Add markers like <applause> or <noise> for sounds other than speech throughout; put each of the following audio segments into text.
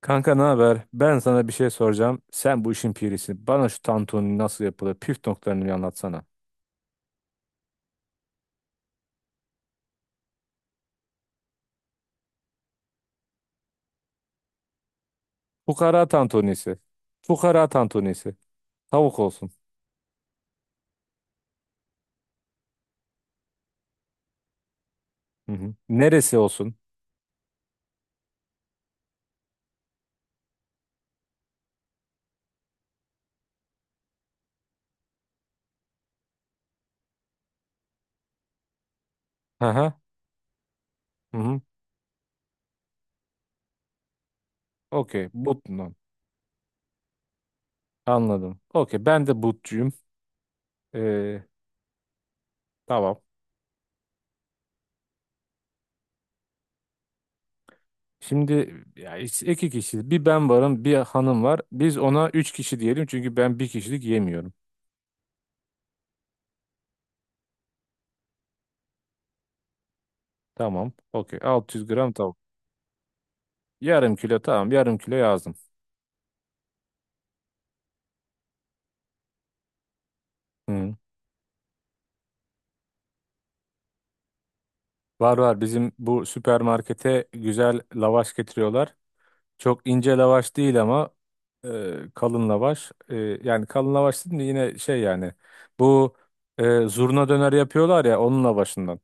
Kanka ne haber? Ben sana bir şey soracağım. Sen bu işin pirisin. Bana şu tantuni nasıl yapılır? Püf noktalarını bir anlatsana. Fukara tantunisi. Fukara tantunisi. Tavuk olsun. Hı hı. Neresi olsun? Hı hı. Hı hı. Okey. But'tan. Anladım. Okey. Ben de butçuyum. Ee, tamam. Şimdi ya, işte iki kişiyiz. Bir ben varım, bir hanım var. Biz ona üç kişi diyelim çünkü ben bir kişilik yemiyorum. Tamam. Okey, 600 gram tavuk. Yarım kilo tamam. Yarım kilo yazdım. Hı. Var var, bizim bu süpermarkete güzel lavaş getiriyorlar. Çok ince lavaş değil ama kalın lavaş. Yani kalın lavaş değil de yine şey, yani bu zurna döner yapıyorlar ya, onun lavaşından.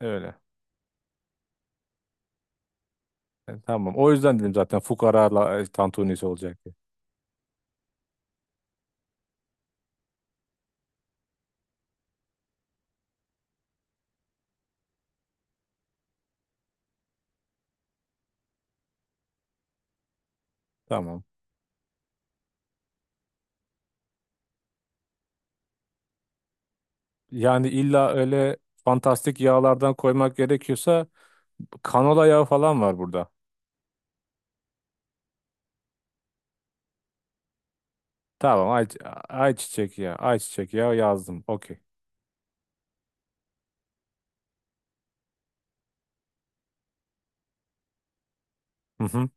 Öyle. Tamam. O yüzden dedim zaten fukara tantunisi olacak diye. Tamam. Yani illa öyle fantastik yağlardan koymak gerekiyorsa, kanola yağı falan var burada. Tamam, ayçiçek yağı. Ayçiçek yağı yazdım. Okey. Hı hı.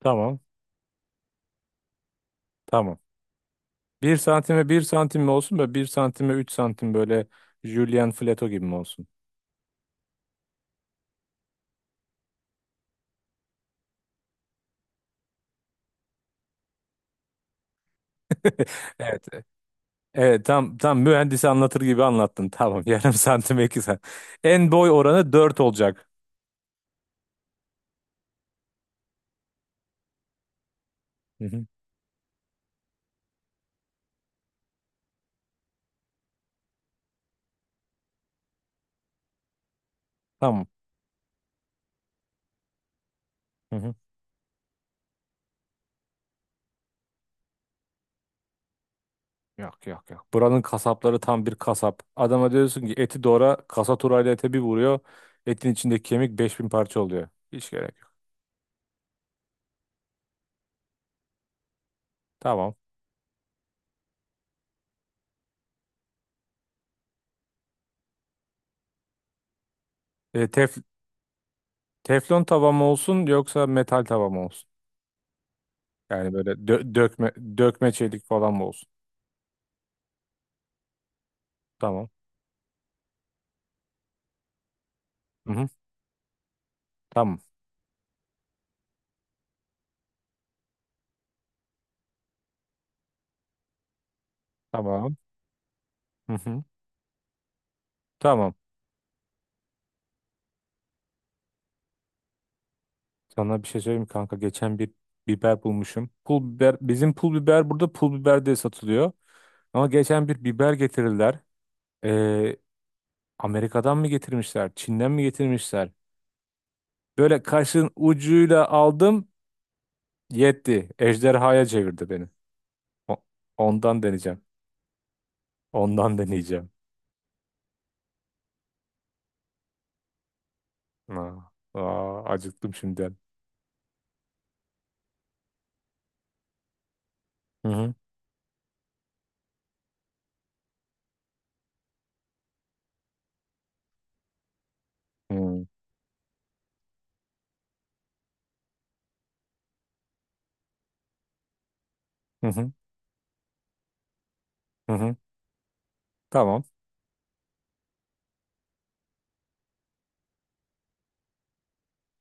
Tamam. Tamam. 1 santime 1 santim mi olsun, böyle 1 santime 3 santim, böyle Julian Fleto gibi mi olsun? <laughs> Evet. Evet, tam tam mühendisi anlatır gibi anlattın. Tamam, <laughs> yarım santime 2 santim. En boy oranı dört olacak. Hı hı. Tamam. Hı hı. Yok yok yok. Buranın kasapları tam bir kasap. Adama diyorsun ki eti doğra, kasaturayla turayla ete bir vuruyor. Etin içindeki kemik 5.000 parça oluyor. Hiç gerek yok. Tamam. E, tef- teflon tava mı olsun yoksa metal tava mı olsun? Yani böyle dökme çelik falan mı olsun? Tamam. Hı hı. Tamam. Tamam. Hı hı. Tamam. Sana bir şey söyleyeyim mi kanka? Geçen bir biber bulmuşum. Pul biber. Bizim pul biber burada pul biber diye satılıyor. Ama geçen bir biber getirdiler. Ee, Amerika'dan mı getirmişler, Çin'den mi getirmişler? Böyle kaşın ucuyla aldım. Yetti. Ejderhaya çevirdi beni. O- Ondan deneyeceğim. Ondan deneyeceğim. Aa, aa, acıktım şimdiden. Hı hı. Hı hı. Hı hı. Hı hı. Tamam.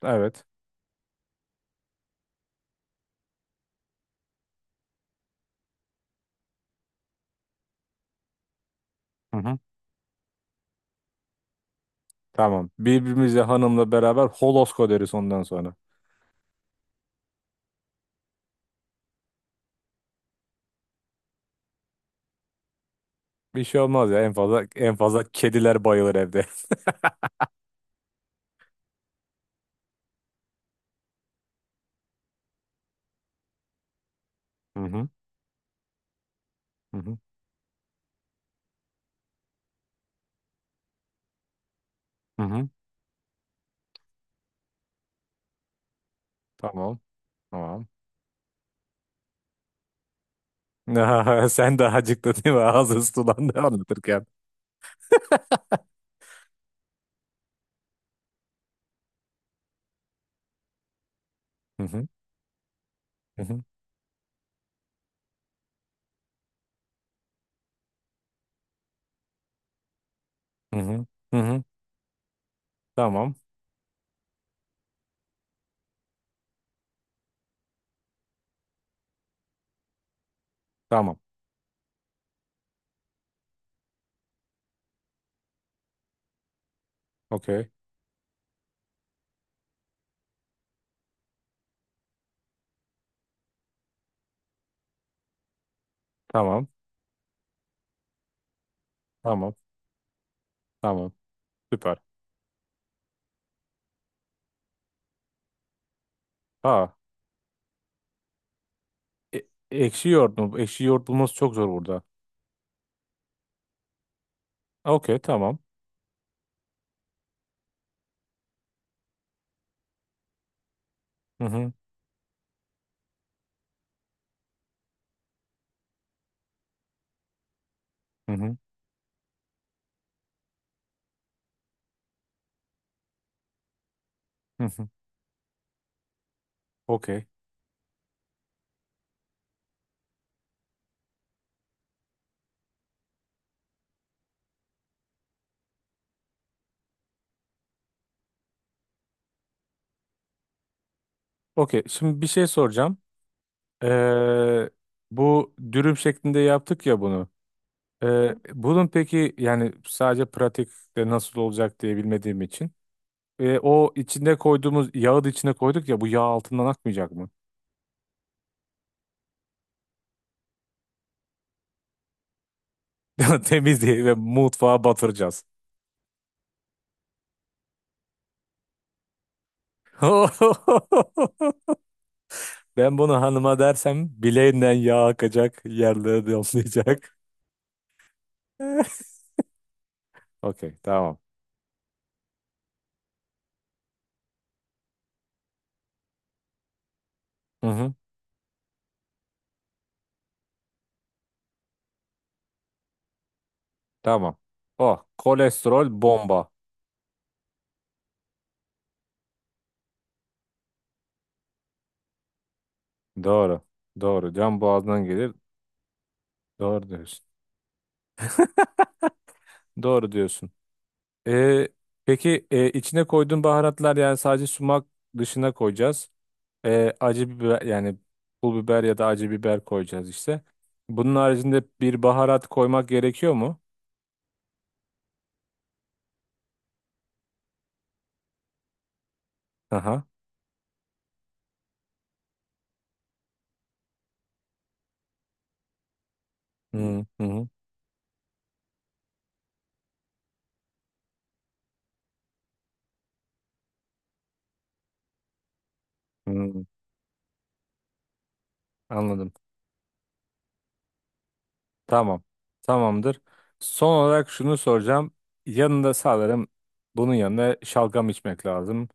Evet. Hı hı. Tamam. Birbirimize hanımla beraber holosko deriz ondan sonra. Bir şey olmaz ya. En fazla en fazla kediler bayılır evde. <laughs> Hı hı. Hı hı. Hı hı. Tamam. Tamam. <laughs> Sen daha acıktın değil mi? Ağzın sulandı anlatırken. Hı hı. Hı hı. Hı hı. Hı hı. Tamam. Tamam. Okey. Tamam. Tamam. Tamam. Süper. Ha. E ekşi yoğurt mu? Ekşi yoğurt bulması çok zor burada. Okey. Tamam. Hı hı. Hı hı. Hı hı. Okey. Okey. Şimdi bir şey soracağım. Ee, bu dürüm şeklinde yaptık ya bunu. Bunun peki, yani sadece pratikte nasıl olacak diye bilmediğim için. O içinde koyduğumuz yağı da içine koyduk ya, bu yağ altından akmayacak mı? <laughs> Temizliği ve mutfağa batıracağız. <laughs> Ben bunu hanıma dersem bileğinden yağ akacak, yerlere de olmayacak. <laughs> Okey, tamam. Hı hı, tamam. Oh, kolesterol bomba. Doğru. Doğru. Can boğazdan gelir. Doğru diyorsun. Doğru diyorsun. Ee, peki, içine koyduğun baharatlar yani sadece sumak, dışına koyacağız. Acı biber yani, pul biber ya da acı biber koyacağız işte. Bunun haricinde bir baharat koymak gerekiyor mu? Aha. Hı hı hı. Hı. Anladım. Tamam. Tamamdır. Son olarak şunu soracağım. Yanında sanırım, bunun yanına şalgam içmek lazım.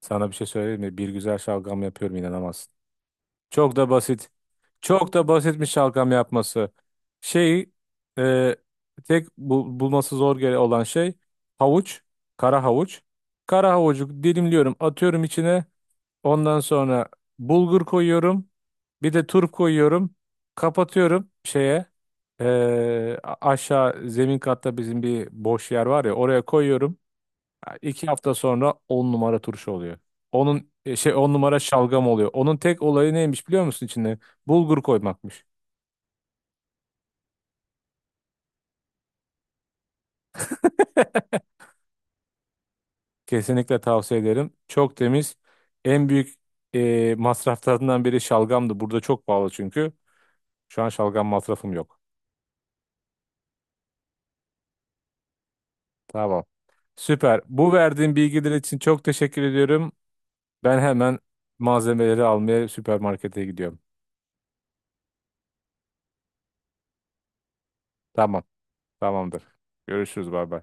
Sana bir şey söyleyeyim mi? Bir güzel şalgam yapıyorum, inanamazsın. Çok da basit. Çok da basitmiş şalgam yapması. Şey e, tek bulması zor gele olan şey, havuç, kara havuç. Kara havucu dilimliyorum, atıyorum içine. Ondan sonra bulgur koyuyorum. Bir de turp koyuyorum. Kapatıyorum şeye. Aşağı zemin katta bizim bir boş yer var ya, oraya koyuyorum. Ha, 2 hafta sonra 10 numara turşu oluyor. Onun 10 numara şalgam oluyor. Onun tek olayı neymiş biliyor musun içinde? Bulgur koymakmış. Kesinlikle tavsiye ederim. Çok temiz. En büyük masraflarından biri şalgamdı. Burada çok pahalı çünkü. Şu an şalgam masrafım yok. Tamam. Süper. Bu verdiğin bilgiler için çok teşekkür ediyorum. Ben hemen malzemeleri almaya süpermarkete gidiyorum. Tamam. Tamamdır. Görüşürüz. Bay bay.